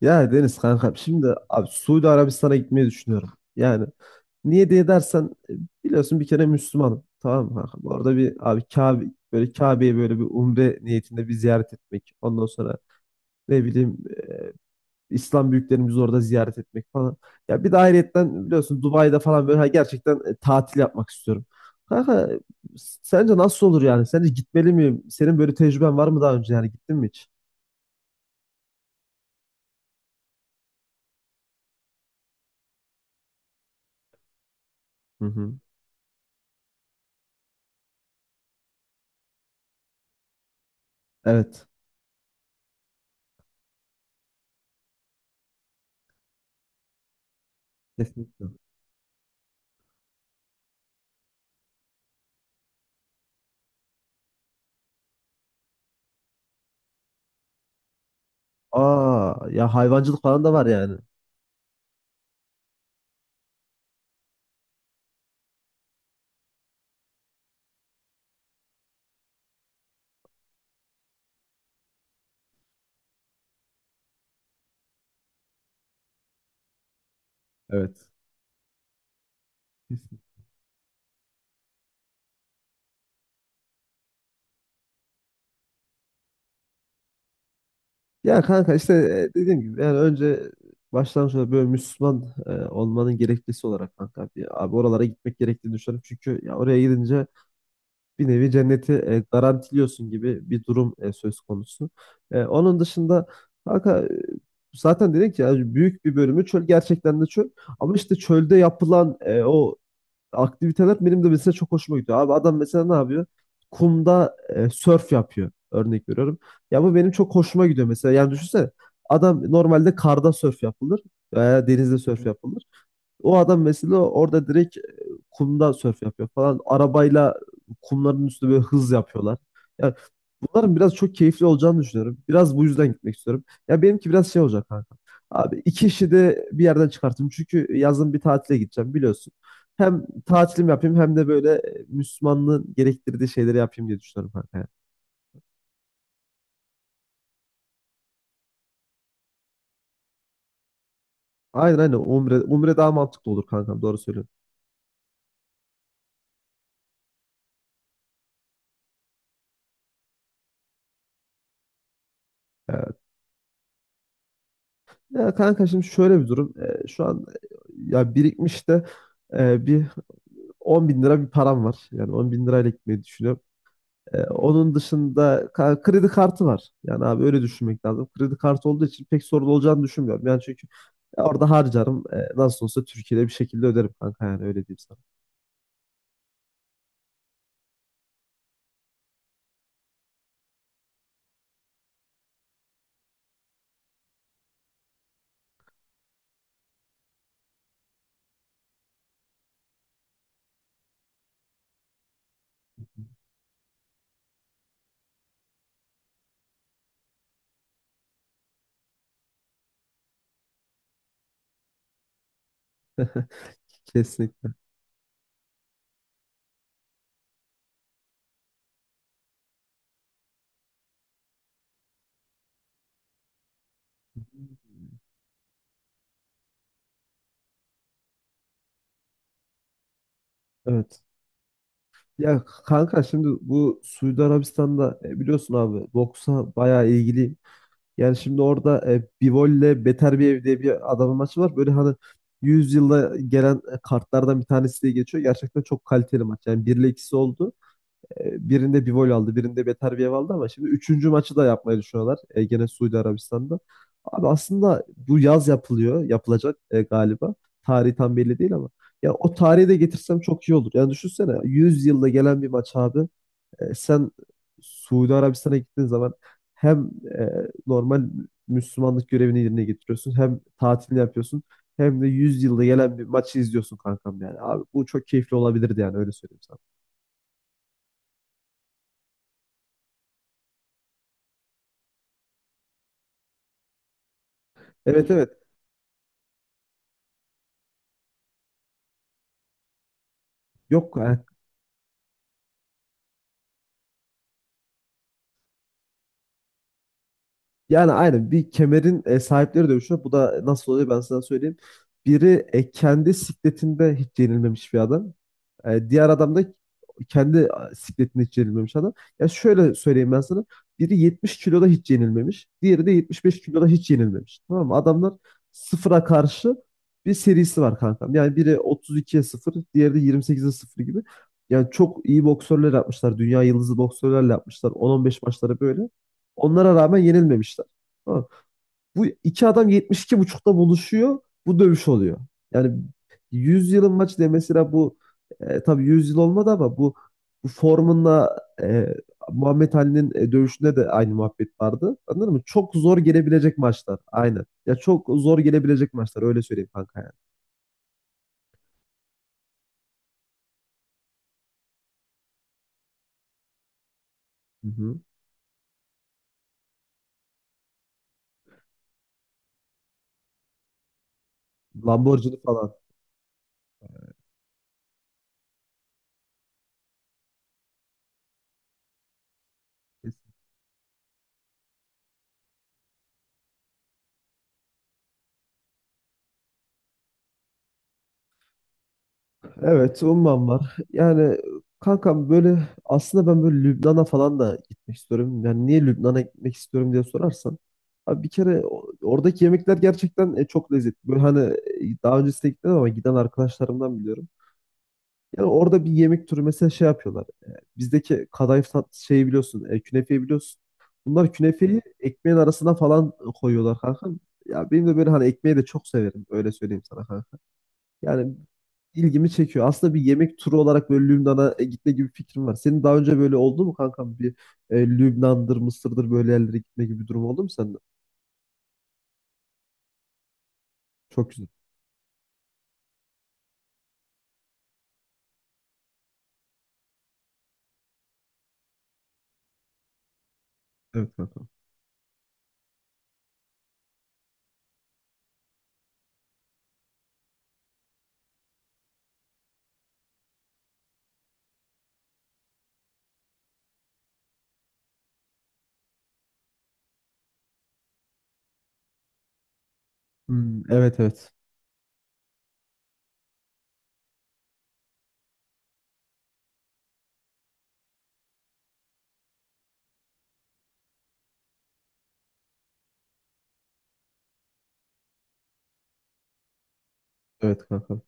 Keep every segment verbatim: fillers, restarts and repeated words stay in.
Ya Deniz kanka, şimdi abi Suudi Arabistan'a gitmeyi düşünüyorum. Yani niye diye dersen e, biliyorsun, bir kere Müslümanım. Tamam mı kanka? Bu arada bir abi Kabe, böyle Kabe'yi böyle bir umre niyetinde bir ziyaret etmek. Ondan sonra ne bileyim e, İslam büyüklerimizi orada ziyaret etmek falan. Ya bir de ayrıyetten biliyorsun, Dubai'de falan böyle ha, gerçekten e, tatil yapmak istiyorum. Kanka e, sence nasıl olur yani? Sence gitmeli miyim? Senin böyle tecrüben var mı, daha önce yani gittin mi hiç? Hı hı. Evet. Kesinlikle. Aa ya, hayvancılık falan da var yani. Evet. Kesin. Ya kanka işte e, dediğim gibi, yani önce başlangıçta böyle Müslüman e, olmanın gerekçesi olarak kanka bir, abi oralara gitmek gerektiğini düşünüyorum. Çünkü ya oraya gidince bir nevi cenneti e, garantiliyorsun gibi bir durum e, söz konusu. E, onun dışında kanka e, zaten dedik ya, büyük bir bölümü çöl, gerçekten de çöl. Ama işte çölde yapılan e, o aktiviteler benim de mesela çok hoşuma gidiyor. Abi adam mesela ne yapıyor? Kumda e, sörf yapıyor. Örnek veriyorum. Ya bu benim çok hoşuma gidiyor mesela. Yani düşünsene, adam normalde karda sörf yapılır veya denizde sörf yapılır. O adam mesela orada direkt e, kumda sörf yapıyor falan. Arabayla kumların üstünde böyle hız yapıyorlar. Ya, bunların biraz çok keyifli olacağını düşünüyorum. Biraz bu yüzden gitmek istiyorum. Ya benimki biraz şey olacak kanka. Abi iki işi de bir yerden çıkartayım. Çünkü yazın bir tatile gideceğim, biliyorsun. Hem tatilim yapayım, hem de böyle e, Müslümanlığın gerektirdiği şeyleri yapayım diye düşünüyorum kanka, ya. Aynen aynen, umre, umre daha mantıklı olur kankam, doğru söylüyorsun. Evet. Ya kanka, şimdi şöyle bir durum. E, şu an e, ya birikmiş de e, bir on bin lira bin lira bir param var. Yani on bin lirayla bin lirayla gitmeyi düşünüyorum. Ee, onun dışında ka- kredi kartı var. Yani abi öyle düşünmek lazım. Kredi kartı olduğu için pek sorun olacağını düşünmüyorum. Yani çünkü orada harcarım. Ee, nasıl olsa Türkiye'de bir şekilde öderim kanka, yani öyle diyeyim sana. Kesinlikle. Evet. Ya kanka, şimdi bu Suudi Arabistan'da e, biliyorsun abi, boksa bayağı ilgiliyim. Yani şimdi orada e, Bivol'le Beter bir ev diye bir adamın maçı var. Böyle hani yüz yılda gelen e, kartlardan bir tanesi diye geçiyor. Gerçekten çok kaliteli maç. Yani bir ile ikisi oldu. E, Birinde bir gol aldı, birinde beter bir ev aldı, ama şimdi üçüncü maçı da yapmayı düşünüyorlar. E, gene Suudi Arabistan'da. Abi aslında bu yaz yapılıyor, yapılacak e, galiba. Tarihi tam belli değil ama. Ya o tarihi de getirsem çok iyi olur. Yani düşünsene, yüz yılda gelen bir maç abi. E, sen Suudi Arabistan'a gittiğin zaman hem e, normal Müslümanlık görevini yerine getiriyorsun, hem tatilini yapıyorsun, hem de yüz yılda gelen bir maçı izliyorsun kankam yani. Abi bu çok keyifli olabilirdi, yani öyle söyleyeyim sana. Evet evet. Yok e, Yani aynen bir kemerin e, sahipleri dövüşüyor. Bu da nasıl oluyor, ben sana söyleyeyim. Biri e, kendi sikletinde hiç yenilmemiş bir adam. E, diğer adam da kendi a, sikletinde hiç yenilmemiş adam. Ya şöyle söyleyeyim ben sana. Biri yetmiş kiloda hiç yenilmemiş. Diğeri de yetmiş beş kiloda hiç yenilmemiş. Tamam mı? Adamlar sıfıra karşı bir serisi var kankam. Yani biri otuz ikiye sıfır, diğeri de yirmi sekize sıfır gibi. Yani çok iyi boksörler yapmışlar. Dünya yıldızı boksörlerle yapmışlar. on on beş maçları böyle. Onlara rağmen yenilmemişler. Tamam. Bu iki adam yetmiş iki buçukta buluşuyor. Bu dövüş oluyor. Yani yüz yılın maçı diye mesela bu e, tabii yüz yıl olmadı, ama bu, bu Foreman'la e, Muhammed Ali'nin e, dövüşünde de aynı muhabbet vardı. Anladın mı? Çok zor gelebilecek maçlar. Aynen. Ya, çok zor gelebilecek maçlar, öyle söyleyeyim kanka yani. Hı hı. Lamborghini falan. Evet, umman var. Yani kankam, böyle aslında ben böyle Lübnan'a falan da gitmek istiyorum. Yani niye Lübnan'a gitmek istiyorum diye sorarsan, abi bir kere o- oradaki yemekler gerçekten e, çok lezzetli. Böyle hani e, daha öncesine gitmedim ama giden arkadaşlarımdan biliyorum. Yani orada bir yemek türü mesela şey yapıyorlar. E, Bizdeki kadayıf tat şeyi biliyorsun, e, künefeyi biliyorsun. Bunlar künefeyi ekmeğin arasına falan koyuyorlar kankam. Ya benim de böyle hani ekmeği de çok severim, öyle söyleyeyim sana, yani ilgimi çekiyor. Aslında bir yemek turu olarak böyle Lübnan'a e, gitme gibi bir fikrim var. Senin daha önce böyle oldu mu kankam? Bir e, Lübnan'dır, Mısır'dır böyle yerlere gitme gibi bir durum oldu mu sende? Çok güzel. Evet kankam. Hmm, evet evet. Evet kankam.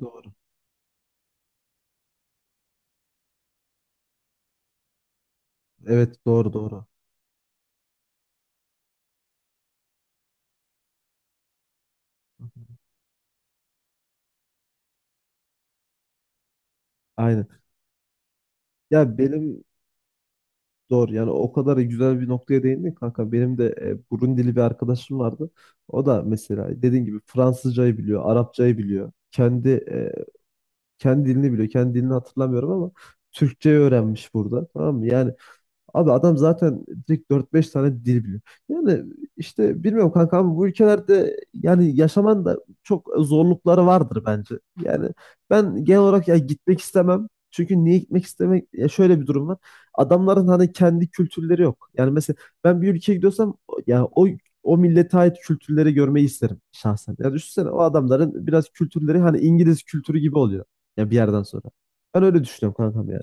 Doğru. Evet doğru doğru. Aynen. Ya benim doğru, yani o kadar güzel bir noktaya değindin kanka. Benim de e, Burundili bir arkadaşım vardı. O da mesela dediğin gibi Fransızcayı biliyor, Arapçayı biliyor. Kendi e, kendi dilini biliyor. Kendi dilini hatırlamıyorum ama Türkçe öğrenmiş burada. Tamam mı? Yani abi adam zaten direkt dört beş tane dil biliyor. Yani işte bilmiyorum kanka, ama bu ülkelerde yani yaşaman da çok zorlukları vardır bence. Yani ben genel olarak ya gitmek istemem. Çünkü niye gitmek istemek? Ya şöyle bir durum var. Adamların hani kendi kültürleri yok. Yani mesela ben bir ülkeye gidiyorsam, ya o o millete ait kültürleri görmeyi isterim şahsen. Yani düşünsene, o adamların biraz kültürleri hani İngiliz kültürü gibi oluyor. Ya bir yerden sonra. Ben öyle düşünüyorum kankam yani.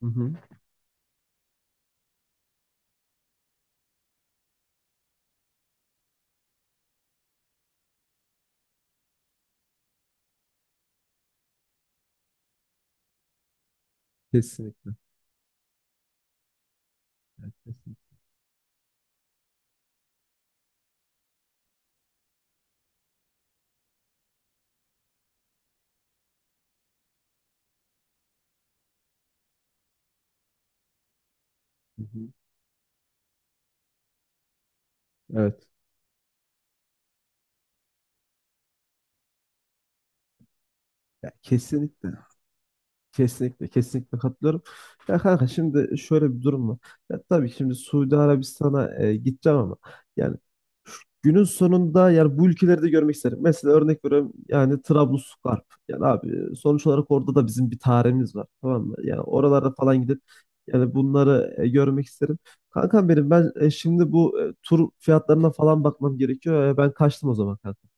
Hı hı. Kesinlikle. Kesinlikle. Hı hı. Evet. Ya kesinlikle. Kesinlikle. Kesinlikle katılıyorum. Ya kanka, şimdi şöyle bir durum var. Ya tabii şimdi Suudi Arabistan'a e, gideceğim ama yani şu- günün sonunda yani bu ülkeleri de görmek isterim. Mesela örnek veriyorum, yani Trablusgarp. Yani abi sonuç olarak orada da bizim bir tarihimiz var. Tamam mı? Yani oralarda falan gidip yani bunları e, görmek isterim. Kankam, benim ben e, şimdi bu e, tur fiyatlarına falan bakmam gerekiyor. E, ben kaçtım o zaman kanka.